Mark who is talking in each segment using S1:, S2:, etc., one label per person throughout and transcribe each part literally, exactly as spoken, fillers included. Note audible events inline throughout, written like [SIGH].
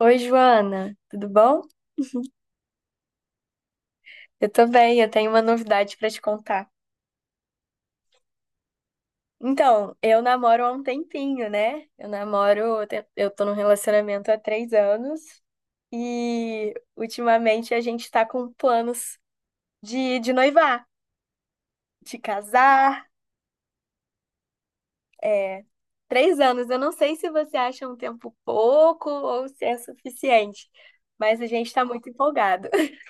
S1: Oi, Joana, tudo bom? Eu tô bem, eu tenho uma novidade pra te contar. Então, eu namoro há um tempinho, né? Eu namoro, eu te- eu tô num relacionamento há três anos e ultimamente a gente tá com planos de, de noivar, de casar. É, três anos, eu não sei se você acha um tempo pouco ou se é suficiente, mas a gente tá muito empolgado. [LAUGHS]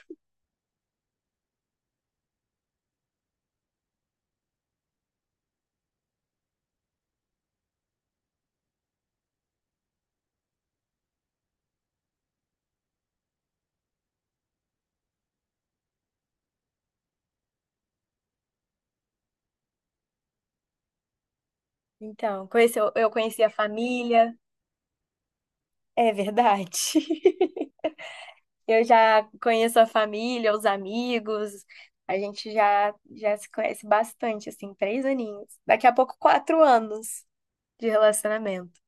S1: Então, conheceu, eu conheci a família, é verdade. Eu já conheço a família, os amigos, a gente já, já se conhece bastante, assim, três aninhos. Daqui a pouco, quatro anos de relacionamento.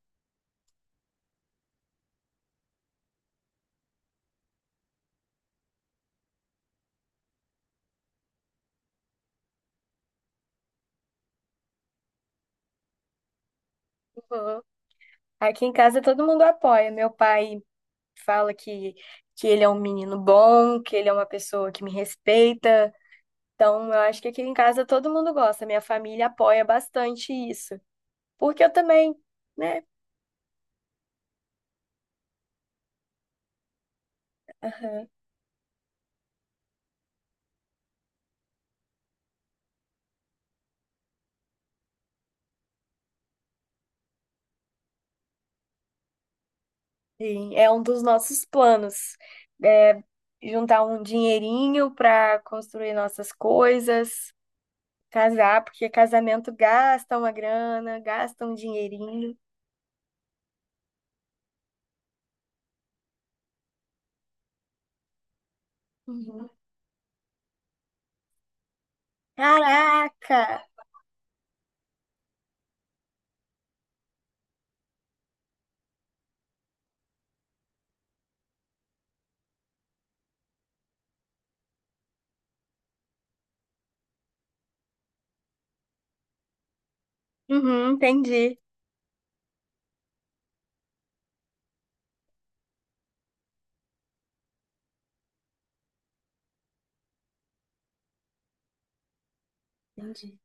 S1: Uhum. Aqui em casa todo mundo apoia. Meu pai fala que, que ele é um menino bom, que ele é uma pessoa que me respeita. Então, eu acho que aqui em casa todo mundo gosta. Minha família apoia bastante isso. Porque eu também, né? Sim, é um dos nossos planos. É juntar um dinheirinho para construir nossas coisas, casar, porque casamento gasta uma grana, gasta um dinheirinho. Uhum. Caraca! Uhum, entendi. Entendi.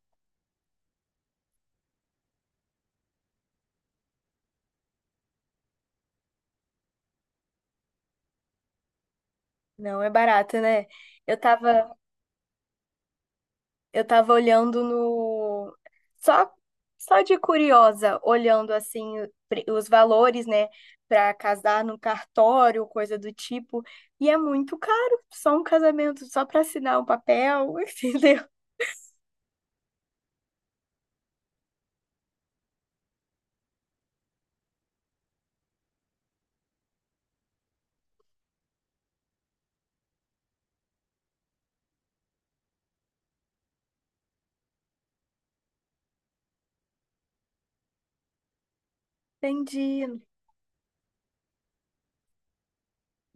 S1: Não é barato, né? Eu tava Eu tava olhando no. Só, só de curiosa, olhando assim o pre- os valores, né, pra casar no cartório, coisa do tipo. E é muito caro, só um casamento, só pra assinar um papel, [LAUGHS] entendeu? Entendi,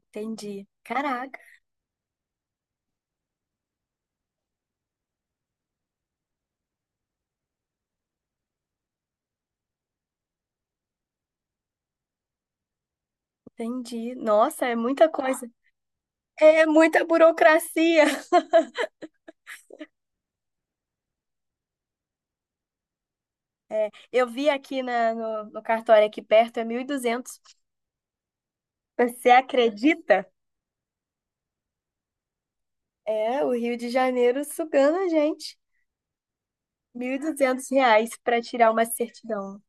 S1: entendi. Caraca, entendi. Nossa, é muita coisa. É muita burocracia. [LAUGHS] É, eu vi aqui na, no, no cartório aqui perto, é mil e duzentos. Você acredita? É, o Rio de Janeiro sugando a gente. Mil e duzentos reais para tirar uma certidão.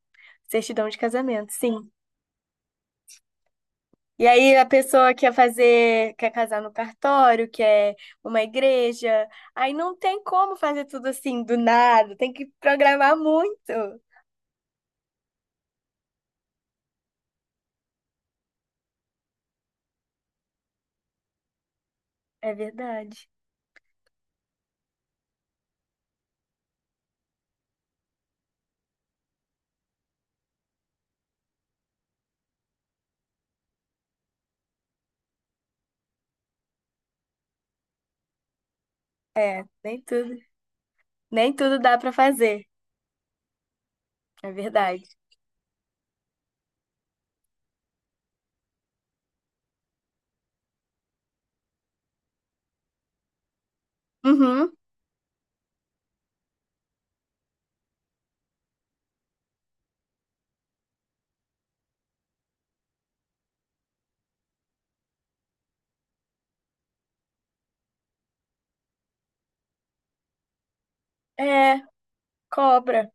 S1: Certidão de casamento, sim. E aí a pessoa quer fazer, quer casar no cartório, quer uma igreja. Aí não tem como fazer tudo assim do nada, tem que programar muito. É verdade. É, nem tudo, nem tudo dá para fazer. É verdade. Uhum. É, cobra.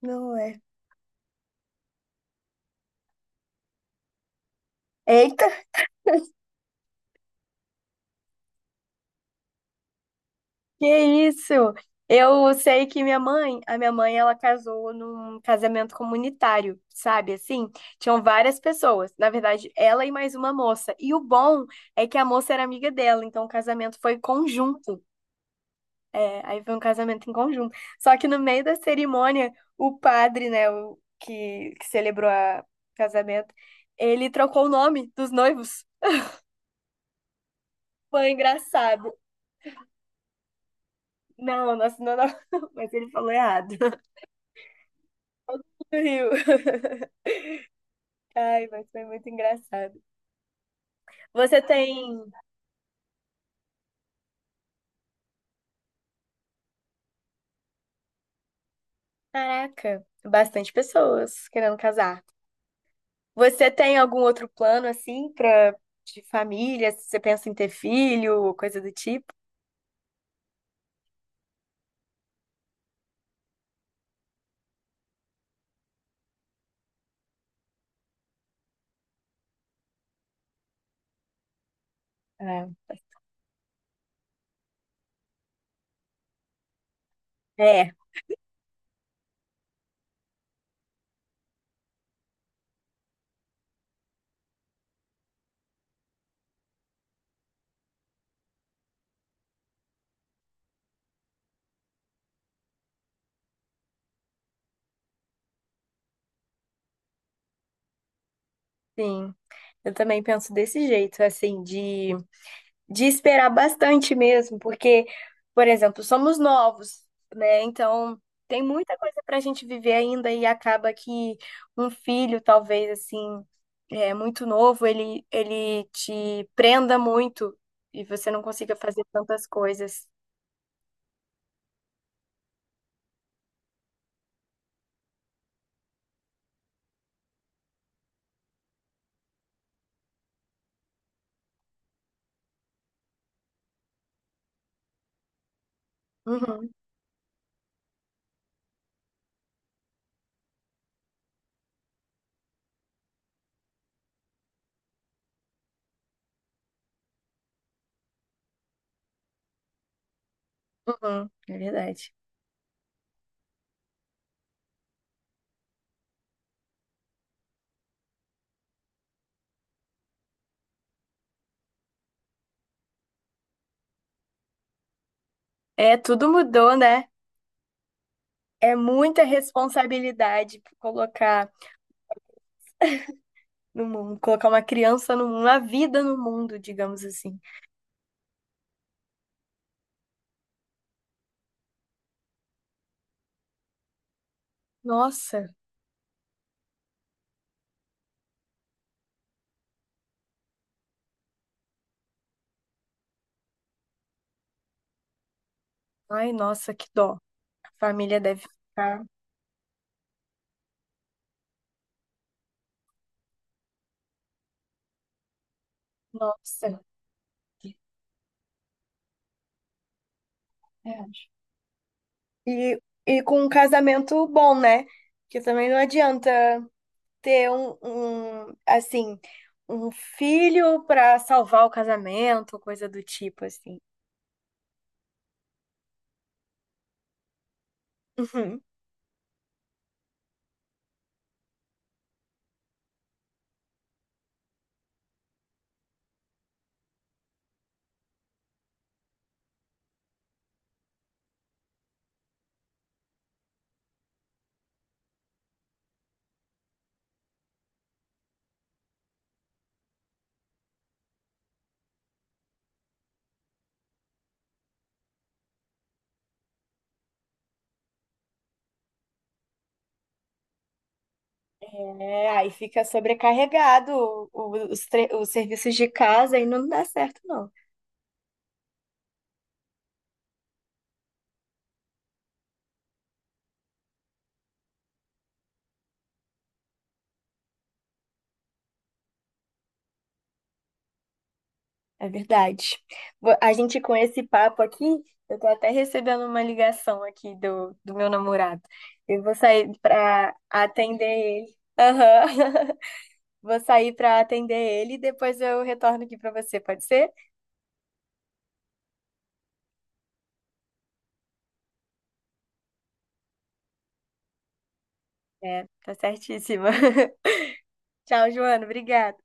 S1: Não é. Eita. Que isso? Eu sei que minha mãe, a minha mãe, ela casou num casamento comunitário, sabe? Assim, tinham várias pessoas. Na verdade, ela e mais uma moça. E o bom é que a moça era amiga dela, então o casamento foi conjunto. É, aí foi um casamento em conjunto. Só que no meio da cerimônia, o padre, né, o que, que celebrou a- o casamento, ele trocou o nome dos noivos. Foi engraçado. Não, nossa, não, não, [LAUGHS] mas ele falou errado. [LAUGHS] Rio. Ai, mas foi muito engraçado. Você tem, caraca, bastante pessoas querendo casar. Você tem algum outro plano assim para de família? Se você pensa em ter filho ou coisa do tipo? É. É, sim. Eu também penso desse jeito, assim, de de esperar bastante mesmo, porque, por exemplo, somos novos, né? Então, tem muita coisa para a gente viver ainda e acaba que um filho, talvez assim, é muito novo, ele ele te prenda muito e você não consiga fazer tantas coisas. Uhum, uhum, é verdade. É, tudo mudou, né? É muita responsabilidade colocar no mundo, colocar uma criança no mundo, uma vida no mundo, digamos assim. Nossa. Ai, nossa, que dó. A família deve ficar. Nossa. É. E, e com um casamento bom, né? Porque também não adianta ter um, um, assim, um filho pra salvar o casamento, coisa do tipo, assim. Uhum. É, aí fica sobrecarregado o- os, tre- os serviços de casa e não dá certo, não. É verdade. Vo- A gente com esse papo aqui, eu tô até recebendo uma ligação aqui do, do meu namorado. Eu vou sair pra atender ele. Aham. [LAUGHS] Vou sair pra atender ele e depois eu retorno aqui pra você, pode ser? É, tá certíssima. [LAUGHS] Tchau, Joana. Obrigada.